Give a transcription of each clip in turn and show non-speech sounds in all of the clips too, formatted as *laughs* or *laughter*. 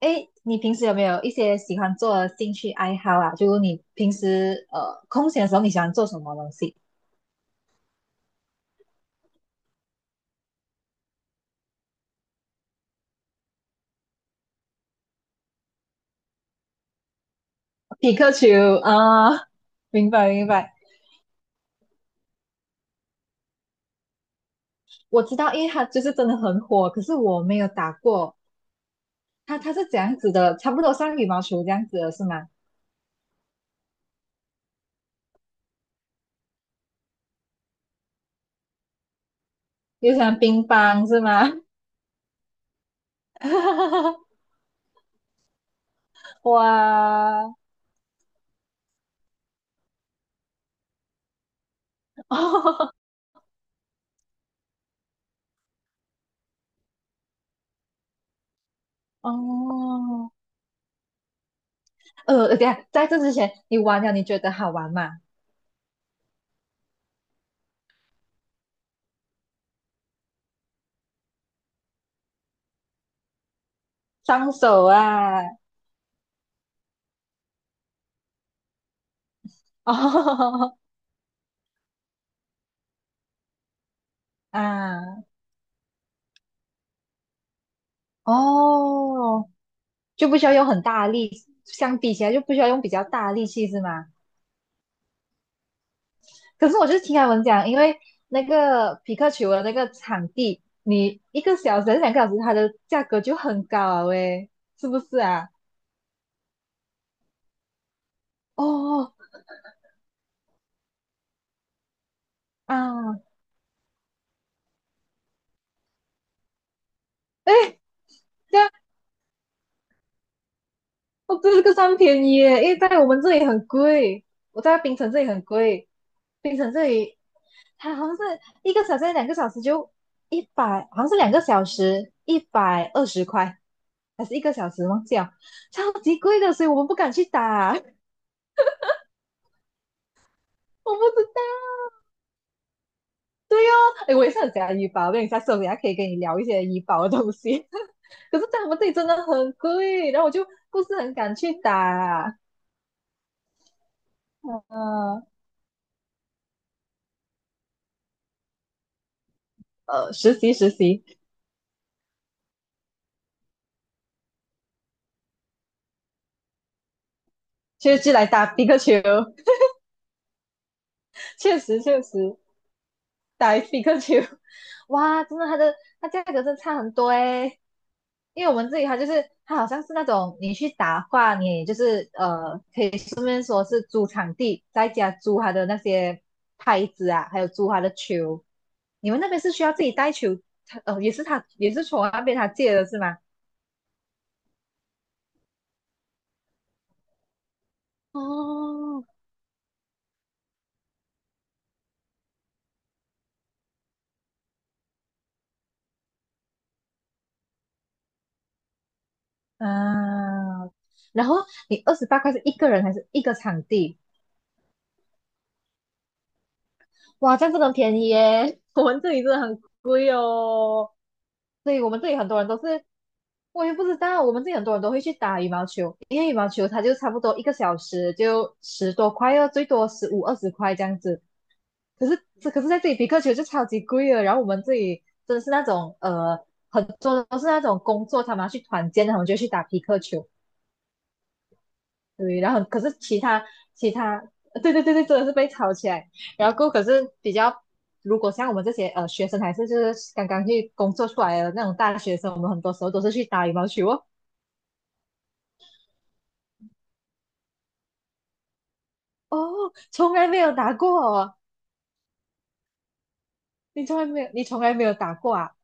哎，你平时有没有一些喜欢做的兴趣爱好啊？就你平时空闲的时候，你喜欢做什么东西？皮克球啊，明白明白，我知道，因为它就是真的很火，可是我没有打过。它是怎样子的？差不多像羽毛球这样子的是吗？又像乒乓是吗？*laughs* 哇，*laughs* 哦哦等一下，在这之前你玩了，你觉得好玩吗？双手啊，*laughs* 哦啊。哦，就不需要用很大的力，相比起来就不需要用比较大的力气是吗？可是我就是听他们讲，因为那个匹克球的那个场地，你一个小时还是两个小时，它的价格就很高啊，喂，是不是啊？哦啊，哎，这样哦，对，这个算便宜耶，因为在我们这里很贵，我在槟城这里很贵，槟城这里它好像是一个小时、两个小时就一百，好像是两个小时120块，还是一个小时忘记了，超级贵的，所以我们不敢去打，*laughs* 我不知道。对哦，哎，我也是很喜欢医保，我跟你下次我等下可以跟你聊一些医保的东西，*laughs* 可是在我们这里真的很贵，然后我就不是很敢去打，呃，实习实习。就来打皮克球，确实确实打皮克球，哇，真的它的它价格真的差很多诶，因为我们这里它就是它好像是那种你去打话，你也就是可以顺便说是租场地，在家租它的那些拍子啊，还有租它的球。你们那边是需要自己带球，他也是他也是从那边他借的是吗？哦，啊，然后你28块是一个人还是一个场地？哇，这样真的很便宜耶！*laughs* 我们这里真的很贵哦，所以我们这里很多人都是，我也不知道，我们这里很多人都会去打羽毛球，因为羽毛球它就差不多一个小时就十多块哦，最多15-20块这样子。可是这可是在这里皮克球就超级贵了，然后我们这里真的是那种很多都是那种工作，他们要去团建，他们就去打皮克球。对，然后可是其他其他，对对对对，真的是被炒起来。然后过后可是比较，如果像我们这些学生，还是就是刚刚去工作出来的那种大学生，我们很多时候都是去打羽毛球哦。哦，从来没有打过哦，你从来没有，你从来没有打过啊？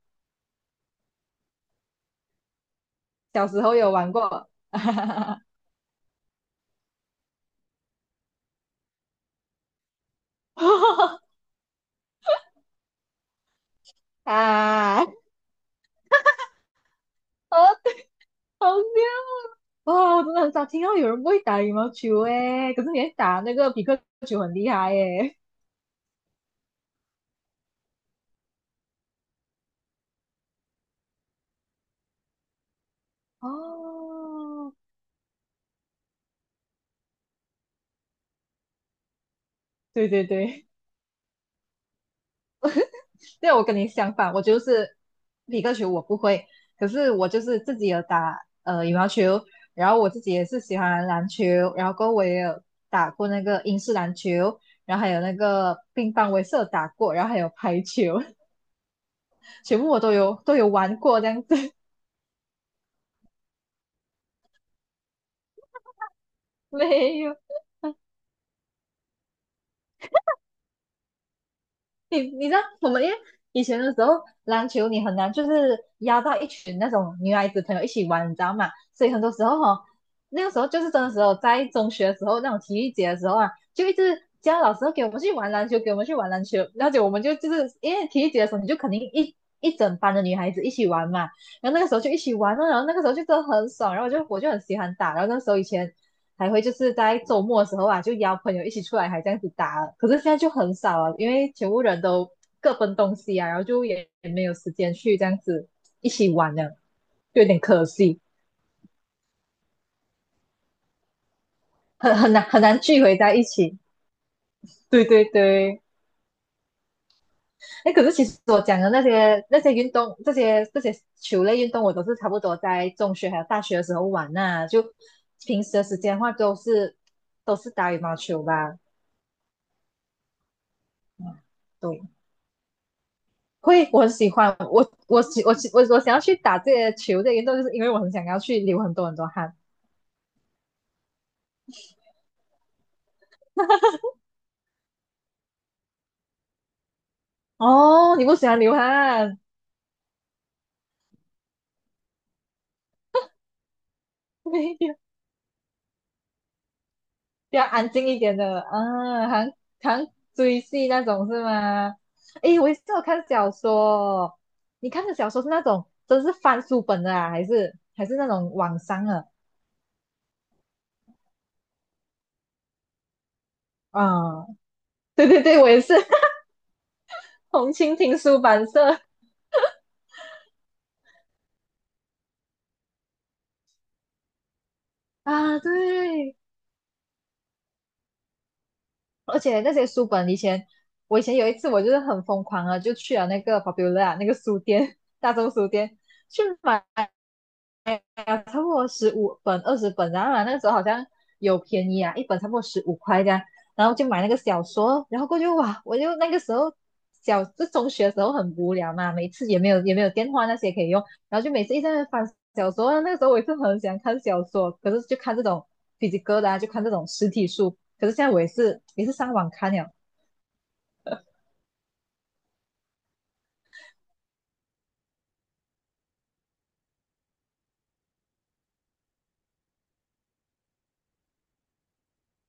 小时候有玩过，*laughs* 啊，好好笑哇！我真的很少听到有人不会打羽毛球诶，可是你会打那个匹克球很厉害诶。哦，对对对，对我跟你相反，我就是皮克球我不会，可是我就是自己有打羽毛球，然后我自己也是喜欢篮球，然后过后我也有打过那个英式篮球，然后还有那个乒乓，我也是有打过，然后还有排球，*laughs* 全部我都有玩过这样子。*laughs* 没有，你知道我们因为以前的时候篮球你很难就是邀到一群那种女孩子朋友一起玩，你知道吗？所以很多时候哦，那个时候就是真的时候，在中学的时候那种体育节的时候啊，就一直叫老师哦给我们去玩篮球，给我们去玩篮球，而且我们就就是因为体育节的时候，你就肯定一整班的女孩子一起玩嘛，然后那个时候就一起玩了，然后那个时候就真的很爽，然后我就很喜欢打，然后那时候以前还会就是在周末的时候啊，就邀朋友一起出来，还这样子打可是现在就很少了，因为全部人都各奔东西啊，然后就也没有时间去这样子一起玩了，就有点可惜，很难很难聚回在一起。对对对，哎，可是其实我讲的那些那些运动，这些这些球类运动，我都是差不多在中学还有大学的时候玩呐、就平时的时间的话，都是都是打羽毛球吧。嗯，对，会，我很喜欢，我我喜我喜我我想要去打这些球这原运动，就是因为我很想要去流很多很多汗。哦，你不喜欢流汗？*laughs* 没有，比较安静一点的啊，韩追戏那种是吗？诶，我也是有看小说，你看的小说是那种真是翻书本的啊，还是还是那种网上的？啊，*laughs* 对对对，我也是 *laughs* 红蜻蜓出版社啊，对。而且那些书本以前，我以前有一次我就是很疯狂啊，就去了那个 Popular 那个书店，大众书店去买了差不多15本、20本，然后啊那个时候好像有便宜啊，一本差不多15块这样，然后就买那个小说，然后过去哇，我就那个时候小就中学的时候很无聊嘛，每次也没有也没有电话那些可以用，然后就每次一直在那边翻小说啊那个时候我也是很喜欢看小说，可是就看这种 p h y c a 的啊，就看这种实体书，可是现在我也是也是上网看了。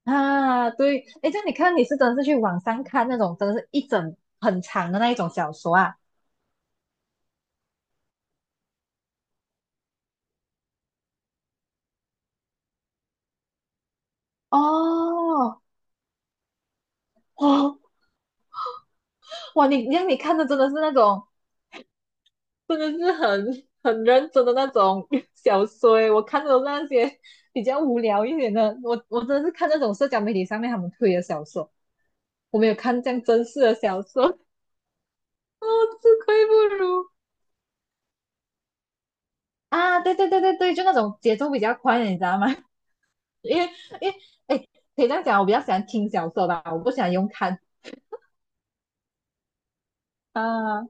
啊，对，哎，这样你看，你是真的是去网上看那种，真的是一整很长的那一种小说啊？哦，哇哇，你让你看的真的是那种，真的是很认真的那种 *laughs* 小说诶，我看的都是那些比较无聊一点的，我真的是看那种社交媒体上面他们推的小说，我没有看这样真实的小说，*laughs* 自愧不如。啊，对对对对对，就那种节奏比较快的，你知道吗？因为因为哎，可以这样讲，我比较喜欢听小说吧，我不喜欢用看啊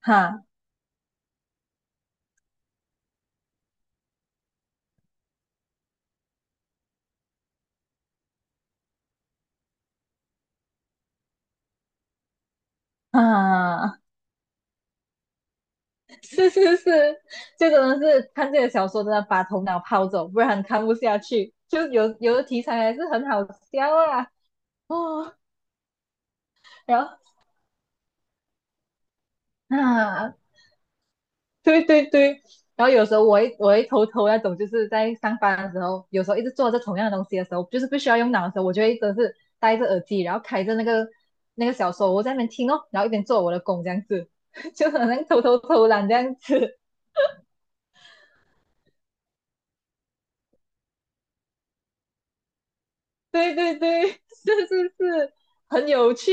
哈啊，*laughs* 是是是，就真的是看这个小说真的把头脑抛走，不然看不下去。就有的题材还是很好笑啊哦，然后啊 *laughs* 对对对，然后有时候我会偷偷那种，就是在上班的时候，有时候一直做着同样的东西的时候，就是不需要用脑的时候，我就会真的是戴着耳机，然后开着那个小说，我在那边听哦，然后一边做我的工这样子，*laughs* 就好能偷偷偷懒这样子。对对对，是是是，很有趣。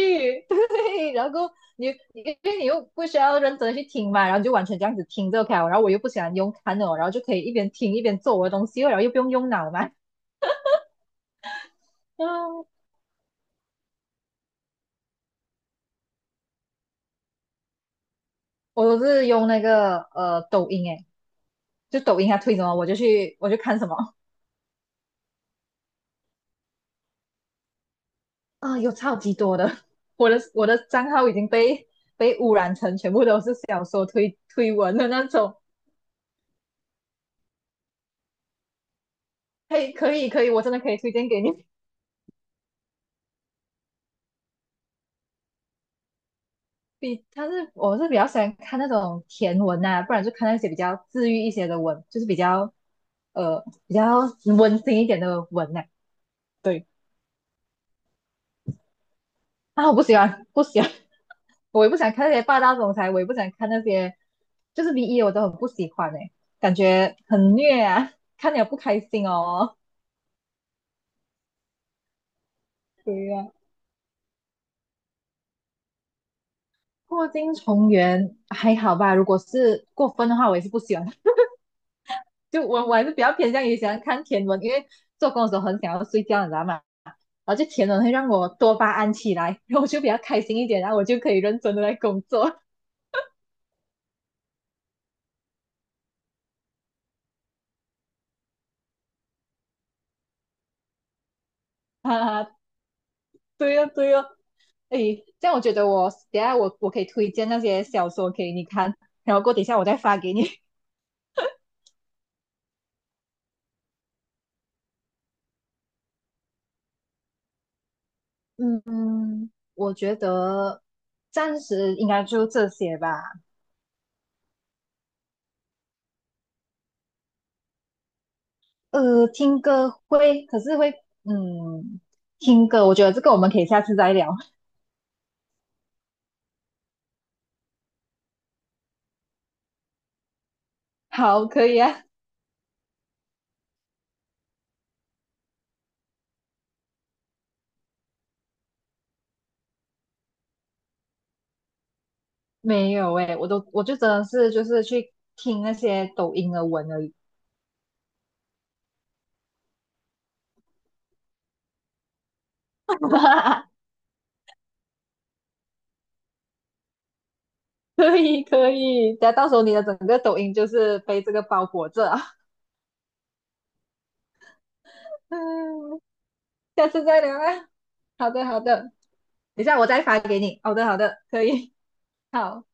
对，然后你因为你又不需要认真地去听嘛，然后你就完全这样子听着 OK 了然后我又不喜欢用看的哦，然后就可以一边听一边做我的东西哦，然后又不用用脑嘛。*laughs* 嗯，我都是用那个抖音诶，就抖音它推什么我就看什么啊、有超级多的，我的账号已经被污染成全部都是小说推文的那种。嘿可以可以，我真的可以推荐给你。比他是我是比较喜欢看那种甜文呐、不然就看那些比较治愈一些的文，就是比较比较温馨一点的文呐、对啊，我不喜欢不喜欢。我也不想看那些霸道总裁，我也不想看那些，就是 BE 我都很不喜欢哎、感觉很虐啊，看了不开心哦。对呀、破镜重圆还好吧，如果是过分的话，我也是不喜欢。*laughs* 就我还是比较偏向于喜欢看甜文，因为做工的时候很想要睡觉，你知道吗？然后就甜文会让我多巴胺起来，然后我就比较开心一点，然后我就可以认真的来工作。*laughs* 哈哈，对哦对哦，诶，这样我觉得我等下我我可以推荐那些小说给你看，*laughs* 然后等一下我再发给你。*laughs* 嗯，我觉得暂时应该就这些吧。呃，听歌会，可是会，嗯，听歌，我觉得这个我们可以下次再聊。*laughs* 好，可以啊。没有诶，我就真的是就是去听那些抖音的文而已。*laughs* 可以可以，等下到时候你的整个抖音就是被这个包裹着啊。*laughs* 嗯，下次再聊啊。好的，好的，等一下我再发给你。好的，好的，可以，好。